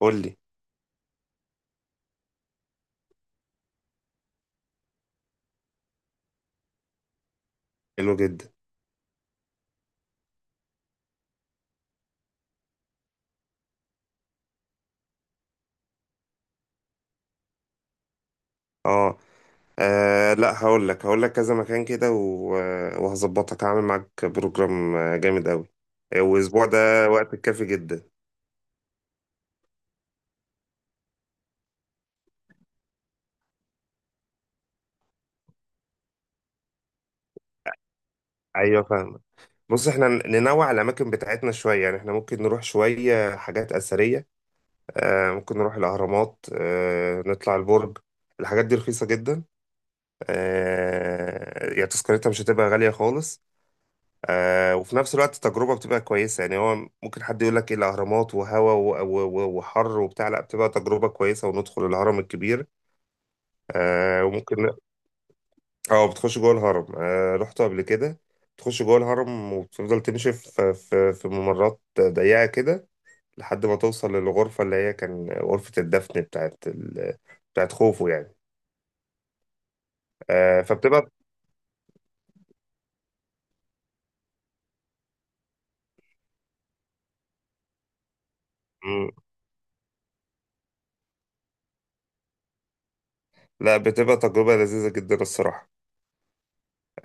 قول لي. حلو جدا. اه. لا، هقول لك كذا مكان كده وهظبطك، هعمل معاك بروجرام جامد قوي. والاسبوع ده وقت كافي جدا. ايوه، فاهمك. بص، احنا ننوع الاماكن بتاعتنا شويه يعني. احنا ممكن نروح شويه حاجات اثريه، ممكن نروح الاهرامات، نطلع البرج. الحاجات دي رخيصه جدا، يعني تذكرتها مش هتبقى غاليه خالص. وفي نفس الوقت التجربة بتبقى كويسة يعني. هو ممكن حد يقول لك ايه الأهرامات وهوا وحر وبتاع. لا، بتبقى تجربة كويسة، وندخل الهرم الكبير. وممكن. اه، بتخش جوه الهرم. رحت قبل كده. تخش جوه الهرم وبتفضل تمشي في ممرات ضيقة كده، لحد ما توصل للغرفة اللي هي كان غرفة الدفن بتاعت ال... بتاعت خوفو يعني. فبتبقى. مم، لا، بتبقى تجربة لذيذة جدا الصراحة.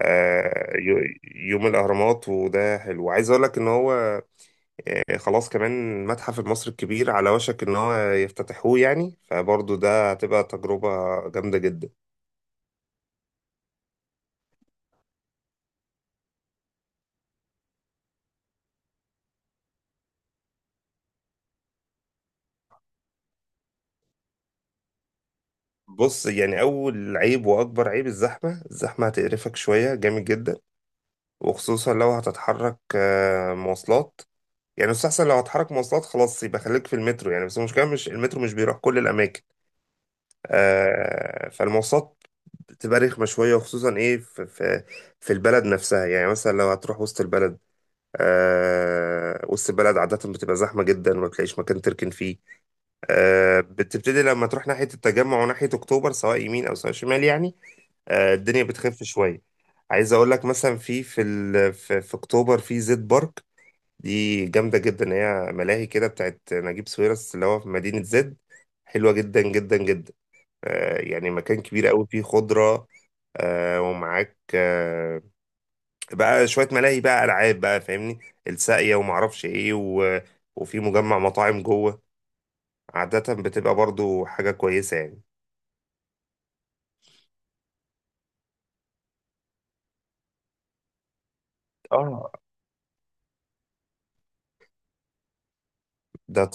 يوم الأهرامات وده حلو. عايز أقول لك إن هو خلاص، كمان المتحف المصري الكبير على وشك إن هو يفتتحوه يعني، فبرضه ده هتبقى تجربة جامدة جدا. بص يعني، أول عيب وأكبر عيب الزحمة. الزحمة هتقرفك شوية جامد جدا، وخصوصا لو هتتحرك مواصلات. يعني مستحسن لو هتحرك مواصلات، خلاص يبقى خليك في المترو يعني. بس المشكلة، مش المترو مش بيروح كل الأماكن. فالمواصلات بتبقى رخمة شوية، وخصوصا إيه في البلد نفسها. يعني مثلا لو هتروح وسط البلد، وسط البلد عادة بتبقى زحمة جدا، وما بتلاقيش مكان تركن فيه. بتبتدي لما تروح ناحية التجمع وناحية أكتوبر سواء يمين أو سواء شمال يعني، الدنيا بتخف شوية. عايز أقول لك مثلا في أكتوبر في زد بارك. دي جامدة جدا، هي ملاهي كده بتاعت نجيب ساويرس اللي هو في مدينة زد. حلوة جدا جدا جدا، يعني مكان كبير قوي فيه خضرة، ومعاك بقى شوية ملاهي بقى ألعاب بقى، فاهمني. الساقية ومعرفش إيه و... وفي مجمع مطاعم جوه، عادة بتبقى برضو حاجة كويسة يعني. اه، ده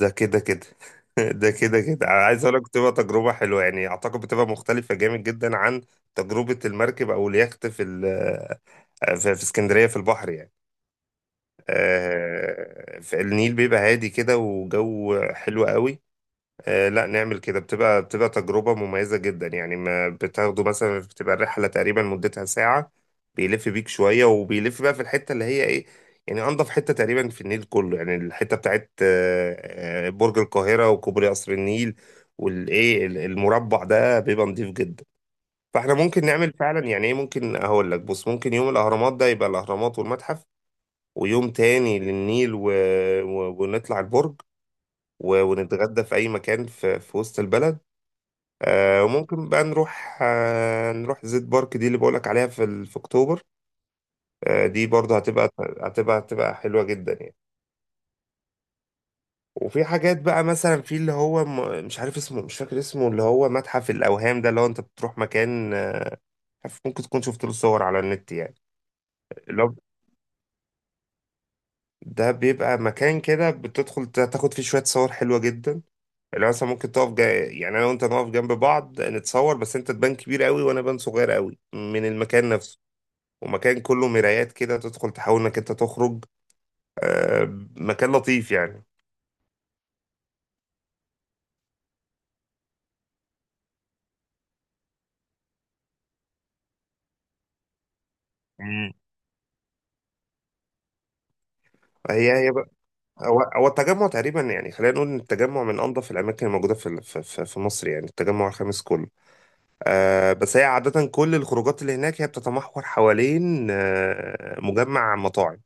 ده كده كده. ده كده كده، أنا عايز أقول لك بتبقى تجربة حلوة يعني. أعتقد بتبقى مختلفة جامد جدا عن تجربة المركب أو اليخت في اسكندرية في البحر يعني. في النيل بيبقى هادي كده وجو حلو قوي. لا نعمل كده، بتبقى تجربة مميزة جدا يعني. ما بتاخده مثلا، بتبقى الرحلة تقريبا مدتها ساعة. بيلف بيك شوية وبيلف بقى في الحتة اللي هي ايه، يعني أنظف حتة تقريبا في النيل كله يعني. الحتة بتاعت برج القاهرة وكوبري قصر النيل والايه المربع ده بيبقى نضيف جدا. فاحنا ممكن نعمل فعلا يعني ايه، ممكن هقول لك بص، ممكن يوم الأهرامات ده يبقى الأهرامات والمتحف، ويوم تاني للنيل و... و... ونطلع البرج و... ونتغدى في أي مكان في... في وسط البلد. وممكن بقى نروح نروح زيت بارك دي اللي بقولك عليها في في اكتوبر. دي برضه هتبقى حلوة جدا يعني. وفي حاجات بقى مثلا في اللي هو مش عارف اسمه، مش فاكر اسمه، اللي هو متحف الأوهام ده. اللي هو انت بتروح مكان عارف، ممكن تكون شفت له صور على النت يعني. اللي هو ده بيبقى مكان كده بتدخل تاخد فيه شوية صور حلوة جدا. اللي هو مثلا ممكن تقف يعني انا وانت نقف جنب بعض نتصور، بس انت تبان كبير قوي وانا بان صغير قوي من المكان نفسه. ومكان كله مرايات كده، تدخل تحاول انك انت تخرج. آه، مكان لطيف يعني. مم. هي هي بقى، هو هو التجمع تقريبا يعني. خلينا نقول ان التجمع من انظف الاماكن الموجوده في مصر يعني، التجمع الخامس كله. بس هي عاده كل الخروجات اللي هناك هي بتتمحور حوالين مجمع مطاعم،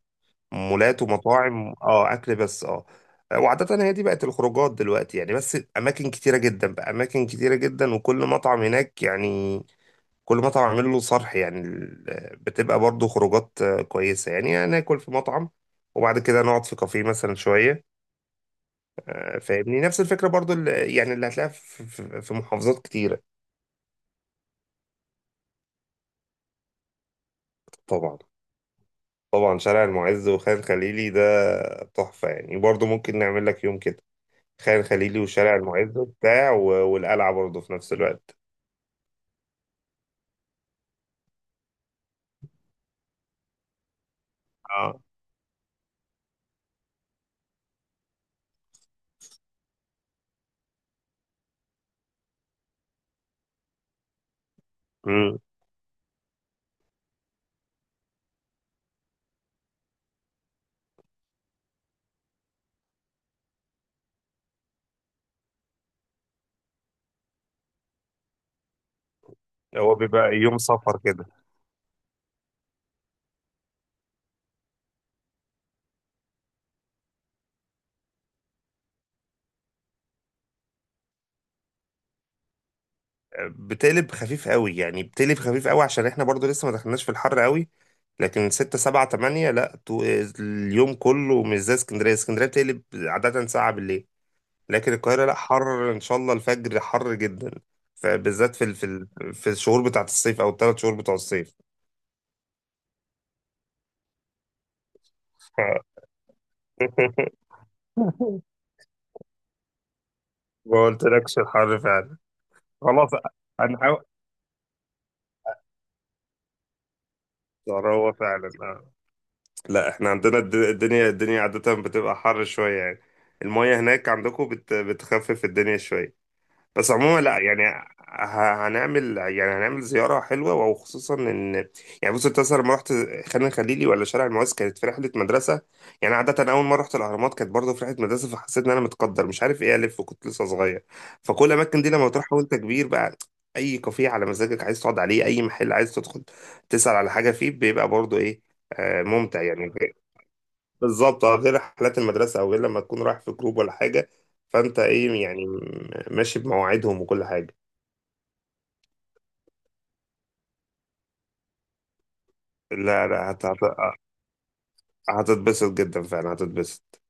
مولات ومطاعم. اه، اكل بس. اه. وعادة هي دي بقت الخروجات دلوقتي يعني. بس أماكن كتيرة جدا بقى، أماكن كتيرة جدا، وكل مطعم هناك يعني. كل مطعم عامل له صرح يعني بتبقى برضو خروجات كويسة يعني. يعني ناكل في مطعم، وبعد كده نقعد في كافيه مثلا شوية. فاهمني، نفس الفكرة برضو اللي يعني اللي هتلاقيها في في محافظات كتيرة. طبعا طبعا، شارع المعز وخان خليلي ده تحفة يعني. برضو ممكن نعمل لك يوم كده، خان خليلي وشارع المعز وبتاع والقلعة برضو في نفس الوقت. اه. امم. هو بيبقى يوم سفر كده. بتقلب خفيف قوي يعني، بتقلب خفيف قوي عشان احنا برضو لسه ما دخلناش في الحر قوي. لكن ستة سبعة تمانية لا، اليوم كله مش زي اسكندرية. اسكندرية بتقلب عادة ساعة بالليل، لكن القاهرة لا، حر ان شاء الله. الفجر حر جدا، فبالذات في الشهور بتاعت الصيف، او الثلاث شهور بتوع الصيف. ما قلتلكش الحر فعلا. خلاص، هنحاول. هو فعلا. لا، احنا عندنا الدنيا عادة بتبقى حر شوية يعني. المية هناك عندكم بتخفف الدنيا شوية. بس عموما لا يعني. هنعمل، يعني هنعمل زيارة حلوة. وخصوصا ان، يعني بص انت مثلا لما رحت خان الخليلي ولا شارع المعز، كانت في رحلة مدرسة. يعني عادة أول ما رحت الأهرامات كانت برضه في رحلة مدرسة، فحسيت إن أنا متقدر مش عارف إيه، ألف وكنت لسه صغير. فكل الأماكن دي لما تروحها وأنت كبير بقى، أي كافيه على مزاجك عايز تقعد عليه، أي محل عايز تدخل تسأل على حاجة فيه، بيبقى برضه إيه ممتع يعني. بالظبط، غير رحلات المدرسة، أو غير لما تكون رايح في جروب ولا حاجة، فأنت إيه يعني ماشي بمواعيدهم وكل حاجة. لا لا، هتتبسط جدا فعلا، هتتبسط.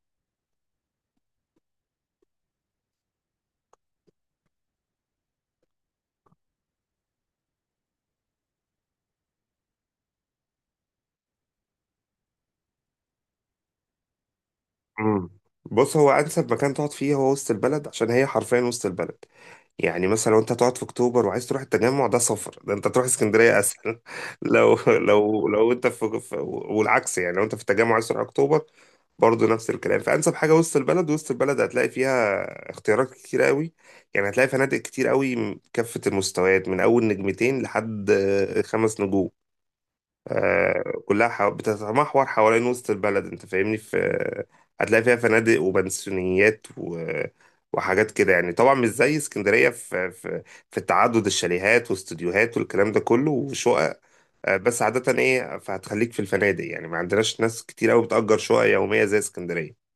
مم. بص، هو أنسب مكان تقعد فيه هو وسط البلد، عشان هي حرفيا وسط البلد. يعني مثلا لو أنت تقعد في أكتوبر وعايز تروح التجمع ده سفر، ده أنت تروح اسكندرية أسهل. لو أنت في، والعكس يعني لو أنت في التجمع عايز تروح أكتوبر برضه نفس الكلام. فأنسب حاجة وسط البلد. وسط البلد هتلاقي فيها اختيارات كتير قوي يعني. هتلاقي فنادق كتير قوي كافة المستويات، من أول نجمتين لحد 5 نجوم. كلها بتتمحور حوالين وسط البلد، أنت فاهمني. في هتلاقي فيها فنادق وبنسيونيات و... وحاجات كده يعني. طبعا مش زي اسكندرية في تعدد الشاليهات واستوديوهات والكلام ده كله وشقق. بس عادة إيه، فهتخليك في الفنادق يعني. ما عندناش ناس كتير قوي بتأجر شقق يومية زي اسكندرية.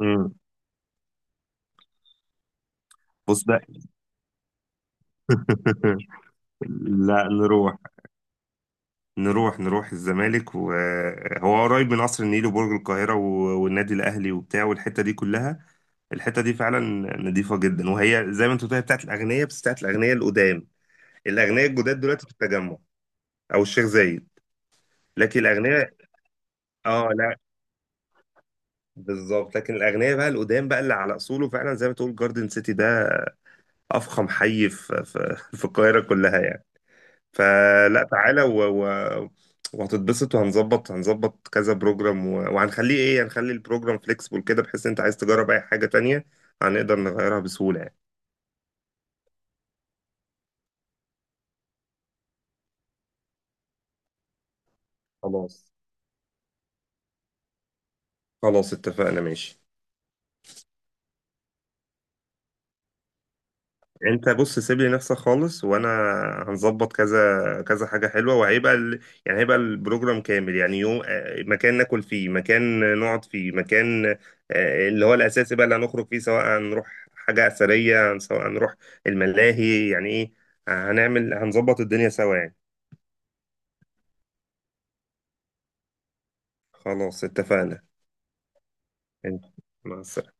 امم بص بقى. لا، نروح الزمالك، وهو قريب من قصر النيل وبرج القاهرة والنادي الأهلي وبتاع والحتة دي كلها. الحتة دي فعلا نضيفة جدا، وهي زي ما انت قلت هي بتاعت الأغنياء. بس بتاعت الأغنياء القدام. الأغنياء الجداد دلوقتي في التجمع أو الشيخ زايد. لكن الأغنياء، اه لا، بالظبط. لكن الأغنياء بقى القدام بقى اللي على أصوله فعلا، زي ما تقول جاردن سيتي ده أفخم حي في في في القاهرة كلها يعني. فلا، تعالى و... و... وهتتبسط، وهنظبط كذا بروجرام، و... وهنخليه ايه، هنخلي البروجرام فليكسبل كده، بحيث انت عايز تجرب اي حاجة تانية هنقدر نغيرها بسهولة يعني. خلاص، خلاص اتفقنا، ماشي. انت بص، سيب لي نفسك خالص، وانا هنظبط كذا كذا حاجه حلوه، وهيبقى يعني هيبقى البروجرام كامل يعني. يوم مكان ناكل فيه، مكان نقعد فيه، مكان اللي هو الاساسي بقى اللي هنخرج فيه، سواء هنروح حاجه اثريه سواء هنروح الملاهي. يعني ايه، هنظبط الدنيا سوا يعني. خلاص اتفقنا. مع السلامه.